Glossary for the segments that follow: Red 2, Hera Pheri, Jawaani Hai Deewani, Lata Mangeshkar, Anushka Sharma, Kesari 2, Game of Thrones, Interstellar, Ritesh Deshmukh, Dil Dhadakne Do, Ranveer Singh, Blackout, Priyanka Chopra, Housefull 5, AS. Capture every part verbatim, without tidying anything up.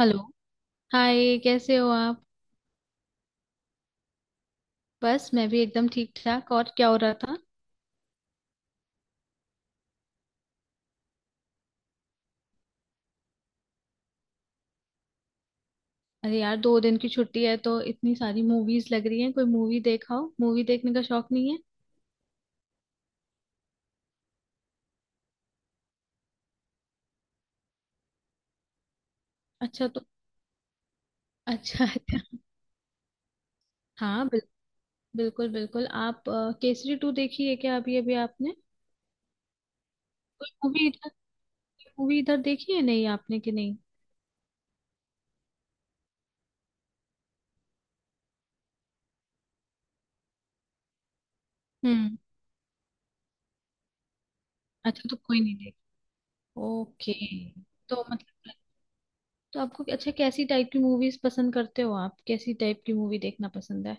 Hello. Hi, कैसे हो आप? बस मैं भी एकदम ठीक ठाक। और क्या हो रहा था? अरे यार, दो दिन की छुट्टी है तो इतनी सारी मूवीज लग रही हैं। कोई मूवी देखाओ। मूवी देखने का शौक नहीं है? अच्छा। तो अच्छा अच्छा। हाँ बिल, बिल्कुल बिल्कुल। आप अ, केसरी टू देखी है क्या अभी अभी आपने? कोई मूवी इधर मूवी इधर देखी है नहीं आपने कि नहीं? हम्म। अच्छा, तो कोई नहीं देखी। ओके। तो मतलब तो आपको अच्छा, कैसी टाइप की मूवीज पसंद करते हो आप? कैसी टाइप की मूवी देखना पसंद है?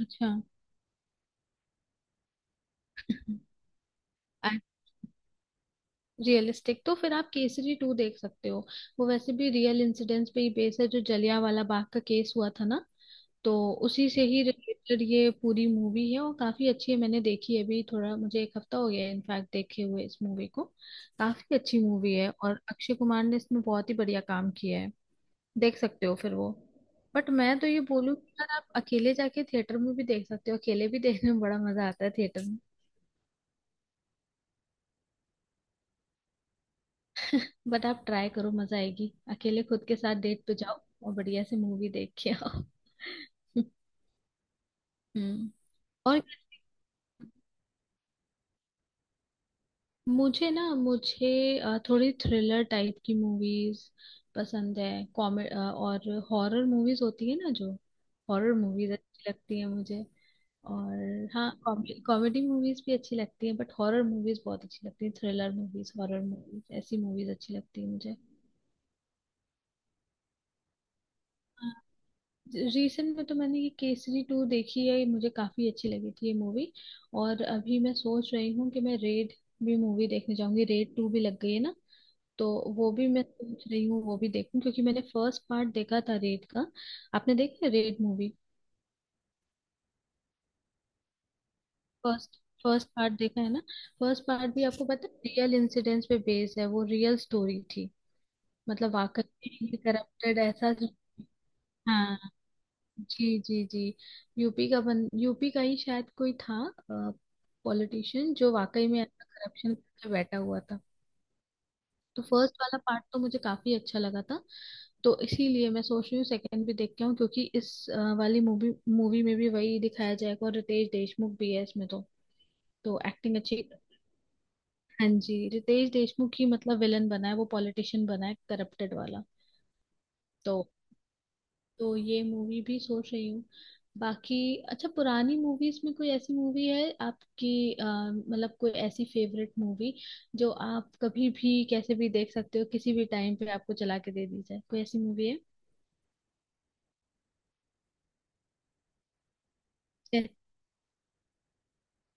अच्छा, रियलिस्टिक। तो फिर आप केसरी टू देख सकते हो। वो वैसे भी रियल इंसिडेंट्स पे ही बेस है, जो जलियांवाला बाग का केस हुआ था ना, तो उसी से ही रिलेटेड ये पूरी मूवी है और काफी अच्छी है। मैंने देखी है अभी, थोड़ा मुझे एक हफ्ता हो गया है इनफैक्ट देखे हुए इस मूवी को। काफी अच्छी मूवी है और अक्षय कुमार ने इसमें बहुत ही बढ़िया काम किया है। देख सकते हो फिर वो। बट मैं तो ये बोलूँ कि यार, आप अकेले जाके थिएटर में भी देख सकते हो। अकेले भी देखने में बड़ा मजा आता है थिएटर। बट आप ट्राई करो, मजा आएगी। अकेले खुद के साथ डेट पे जाओ और बढ़िया से मूवी देख के आओ। हम्म। और मुझे ना, मुझे अ, थोड़ी थ्रिलर टाइप की मूवीज पसंद है। कॉमेडी और हॉरर मूवीज होती है ना जो, हॉरर मूवीज अच्छी लगती है मुझे। और हाँ, कॉमेडी मूवीज भी अच्छी लगती है, बट हॉरर मूवीज बहुत अच्छी लगती है। थ्रिलर मूवीज, हॉरर मूवीज, ऐसी मूवीज अच्छी लगती है मुझे। रिसेंट में तो मैंने ये केसरी टू देखी है, ये मुझे काफी अच्छी लगी थी ये मूवी। और अभी मैं सोच रही हूँ कि मैं रेड भी मूवी देखने जाऊंगी। रेड टू भी लग गई है ना, तो वो भी मैं सोच रही हूँ, वो भी देखूं, क्योंकि मैंने फर्स्ट पार्ट देखा था रेड का। आपने देखा है Raid movie? First first part देखा है ना। फर्स्ट पार्ट भी आपको पता है रियल इंसिडेंट्स पे बेस्ड है, वो रियल स्टोरी थी। मतलब वाकई करप्टेड ऐसा। हाँ जी जी जी। यूपी का बन यूपी का ही शायद कोई था पॉलिटिशियन जो वाकई में ऐसा करप्शन करके बैठा हुआ था। तो फर्स्ट वाला पार्ट तो मुझे काफी अच्छा लगा था, तो इसीलिए मैं सोच रही हूँ सेकंड भी देख के आऊँ, क्योंकि इस अ, वाली मूवी मूवी में भी वही दिखाया जाएगा और रितेश देशमुख भी है इसमें, तो तो एक्टिंग अच्छी। हाँ जी, रितेश देशमुख ही मतलब विलन बना है, वो पॉलिटिशियन बना है करप्टेड वाला। तो तो ये मूवी भी सोच रही हूँ। बाकी अच्छा, पुरानी मूवीज में कोई ऐसी मूवी है आपकी अ, मतलब कोई ऐसी फेवरेट मूवी जो आप कभी भी कैसे भी देख सकते हो, किसी भी टाइम पे आपको चला के दे दी जाए, कोई ऐसी मूवी है? जै-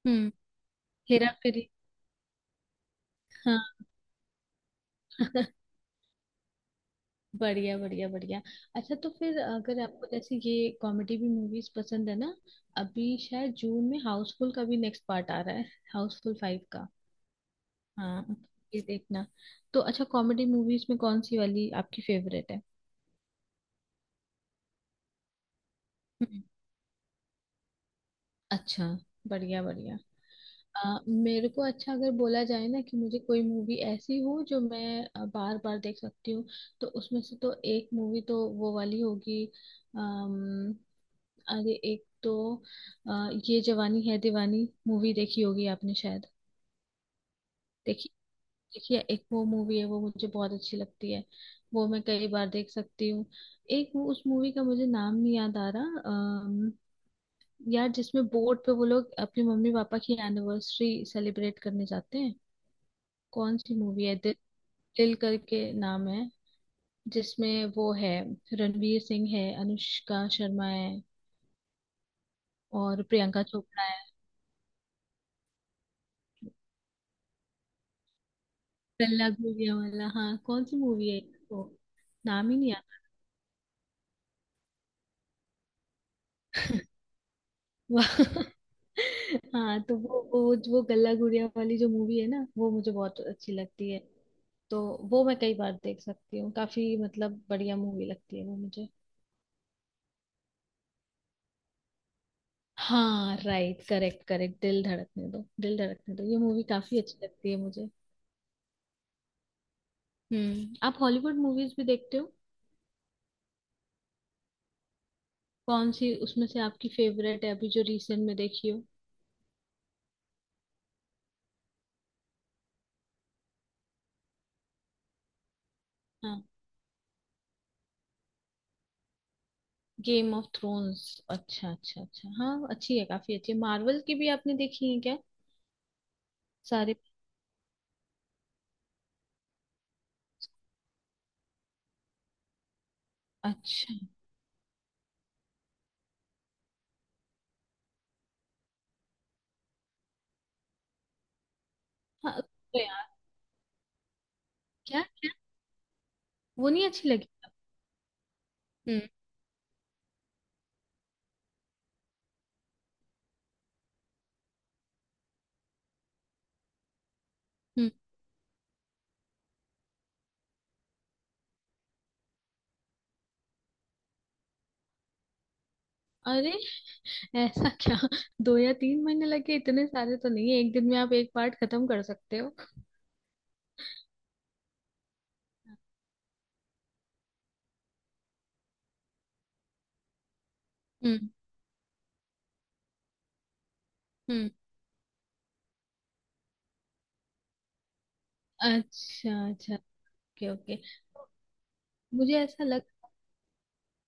हम्म। हेरा फेरी। हाँ। बढ़िया बढ़िया बढ़िया। अच्छा, तो फिर अगर आपको जैसे ये कॉमेडी भी मूवीज पसंद है ना, अभी शायद जून में हाउसफुल का भी नेक्स्ट पार्ट आ रहा है, हाउसफुल फाइव का। हाँ, ये देखना। तो अच्छा, कॉमेडी मूवीज में कौन सी वाली आपकी फेवरेट है? हम्म। अच्छा, बढ़िया बढ़िया। अ, मेरे को अच्छा, अगर बोला जाए ना कि मुझे कोई मूवी ऐसी हो जो मैं बार बार देख सकती हूँ, तो उसमें से तो एक मूवी तो वो वाली होगी। अम, अरे, एक तो अ, ये जवानी है दीवानी मूवी देखी होगी आपने शायद। देखी। देखिए, एक वो मूवी है, वो मुझे बहुत अच्छी लगती है, वो मैं कई बार देख सकती हूँ। एक वो, उस मूवी का मुझे नाम नहीं याद आ रहा। अम, यार जिसमें बोट पे वो लोग अपने मम्मी पापा की एनिवर्सरी सेलिब्रेट करने जाते हैं। कौन सी मूवी है? दिल, दिल करके नाम है जिसमें, वो है रणवीर सिंह है, अनुष्का शर्मा है और प्रियंका चोपड़ा है। गल्ला गुड़िया वाला, हाँ। कौन सी मूवी है वो? नाम ही नहीं। वाह। हाँ, तो वो वो वो गल्ला गुड़िया वाली जो मूवी है ना, वो मुझे बहुत अच्छी लगती है। तो वो मैं कई बार देख सकती हूँ, काफी मतलब बढ़िया मूवी लगती है वो मुझे। हाँ right, correct correct, Dil Dhadakne दो, दिल धड़कने दो। ये मूवी काफी अच्छी लगती है मुझे। हम्म। आप हॉलीवुड मूवीज भी देखते हो? कौन सी उसमें से आपकी फेवरेट है, अभी जो रिसेंट में देखी हो? हाँ। Game of Thrones. अच्छा अच्छा अच्छा, हाँ अच्छी है, काफी अच्छी है। मार्वल की भी आपने देखी है क्या सारे? अच्छा। हाँ तो यार, क्या क्या? वो नहीं अच्छी लगी आपको? हम्म। हम्म। अरे, ऐसा क्या? दो या तीन महीने लगे? इतने सारे तो नहीं है, एक दिन में आप एक पार्ट खत्म कर सकते हो। हम्म। हम्म। अच्छा अच्छा। Okay okay. मुझे ऐसा लग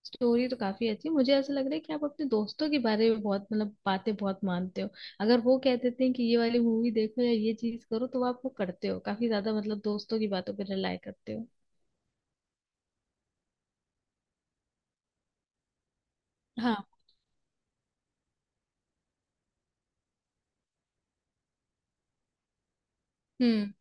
स्टोरी तो काफी अच्छी है। मुझे ऐसा लग रहा है कि आप अपने दोस्तों के बारे में बहुत मतलब बातें बहुत मानते हो। अगर वो कह देते हैं कि ये वाली मूवी देखो या ये चीज करो, तो आप वो करते हो। काफी ज्यादा मतलब दोस्तों की बातों पर रिलाई करते हो। हाँ। हम्म।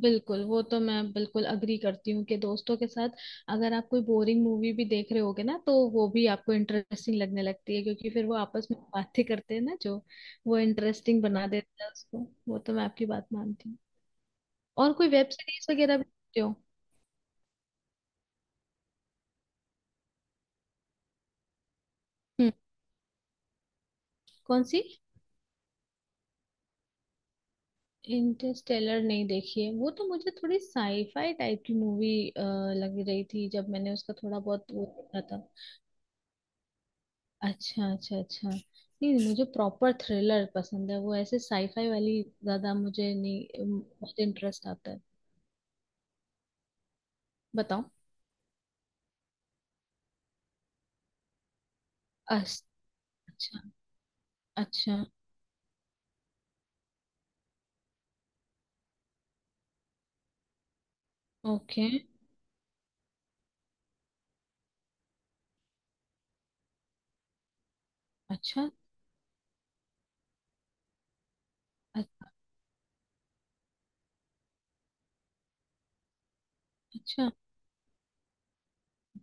बिल्कुल, वो तो मैं बिल्कुल अग्री करती हूँ कि दोस्तों के साथ अगर आप कोई बोरिंग मूवी भी देख रहे होगे ना, तो वो भी आपको इंटरेस्टिंग लगने लगती है, क्योंकि फिर वो आपस में बातें करते हैं ना, जो वो इंटरेस्टिंग बना देता है उसको। वो तो मैं आपकी बात मानती हूँ। और कोई वेब सीरीज वगैरह भी देखते हो? हम्म। कौन सी? इंटरस्टेलर नहीं देखी है। वो तो मुझे थोड़ी साईफाई टाइप की मूवी लग रही थी जब मैंने उसका थोड़ा बहुत वो देखा। अच्छा अच्छा अच्छा, नहीं मुझे प्रॉपर थ्रिलर पसंद है। वो ऐसे साईफाई वाली ज्यादा मुझे नहीं मुझे इंटरेस्ट आता है। बताओ। अस- अच्छा। अच्छा। ओके। अच्छा। अ- अच्छा।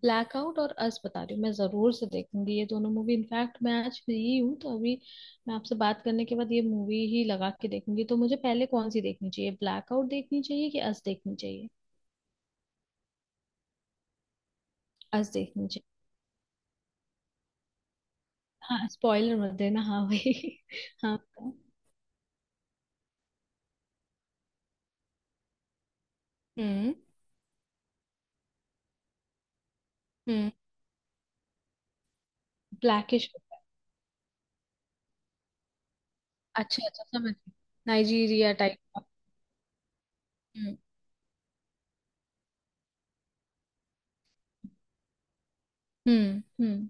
ब्लैकआउट और अस, बता रही हूँ मैं जरूर से देखूंगी ये दोनों मूवी। इनफैक्ट मैं आज फ्री हूँ, तो अभी मैं आपसे बात करने के बाद ये मूवी ही लगा के देखूंगी। तो मुझे पहले कौन सी देखनी चाहिए, ब्लैकआउट देखनी चाहिए कि अस देखनी चाहिए? अस देखनी चाहिए। हाँ, स्पॉइलर मत देना, हाँ वही। हाँ बताओ। हम्म। हम्म। ब्लैकिश होता है? अच्छा अच्छा, समझ गई। नाइजीरिया टाइप का। हम्म हम्म हम्म।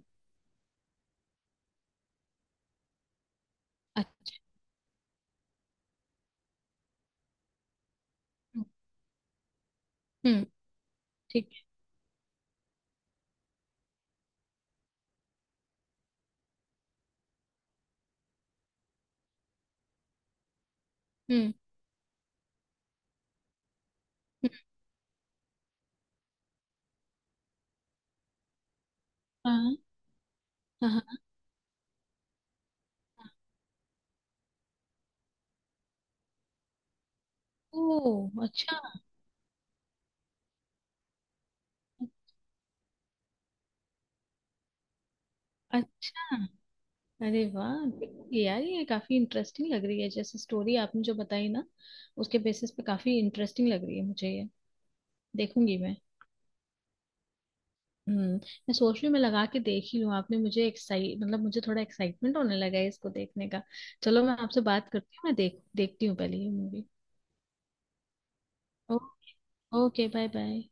अच्छा। हम्म। हम्म, ठीक है। हम्म। हम्म, हाँ हाँ हाँ हाँ। ओ अच्छा। अच्छा। अरे वाह, ये यार ये काफी इंटरेस्टिंग लग रही है। जैसे स्टोरी आपने जो बताई ना, उसके बेसिस पे काफी इंटरेस्टिंग लग रही है मुझे ये। देखूंगी मैं। हम्म। मैं सोच रही हूँ मैं लगा के देख ही लूँ। आपने मुझे एक्साइट मतलब मुझे थोड़ा एक्साइटमेंट होने लगा है इसको देखने का। चलो, मैं आपसे बात करती हूँ। मैं देख देखती हूँ पहले ये मूवी। ओ- ओके, बाय बाय।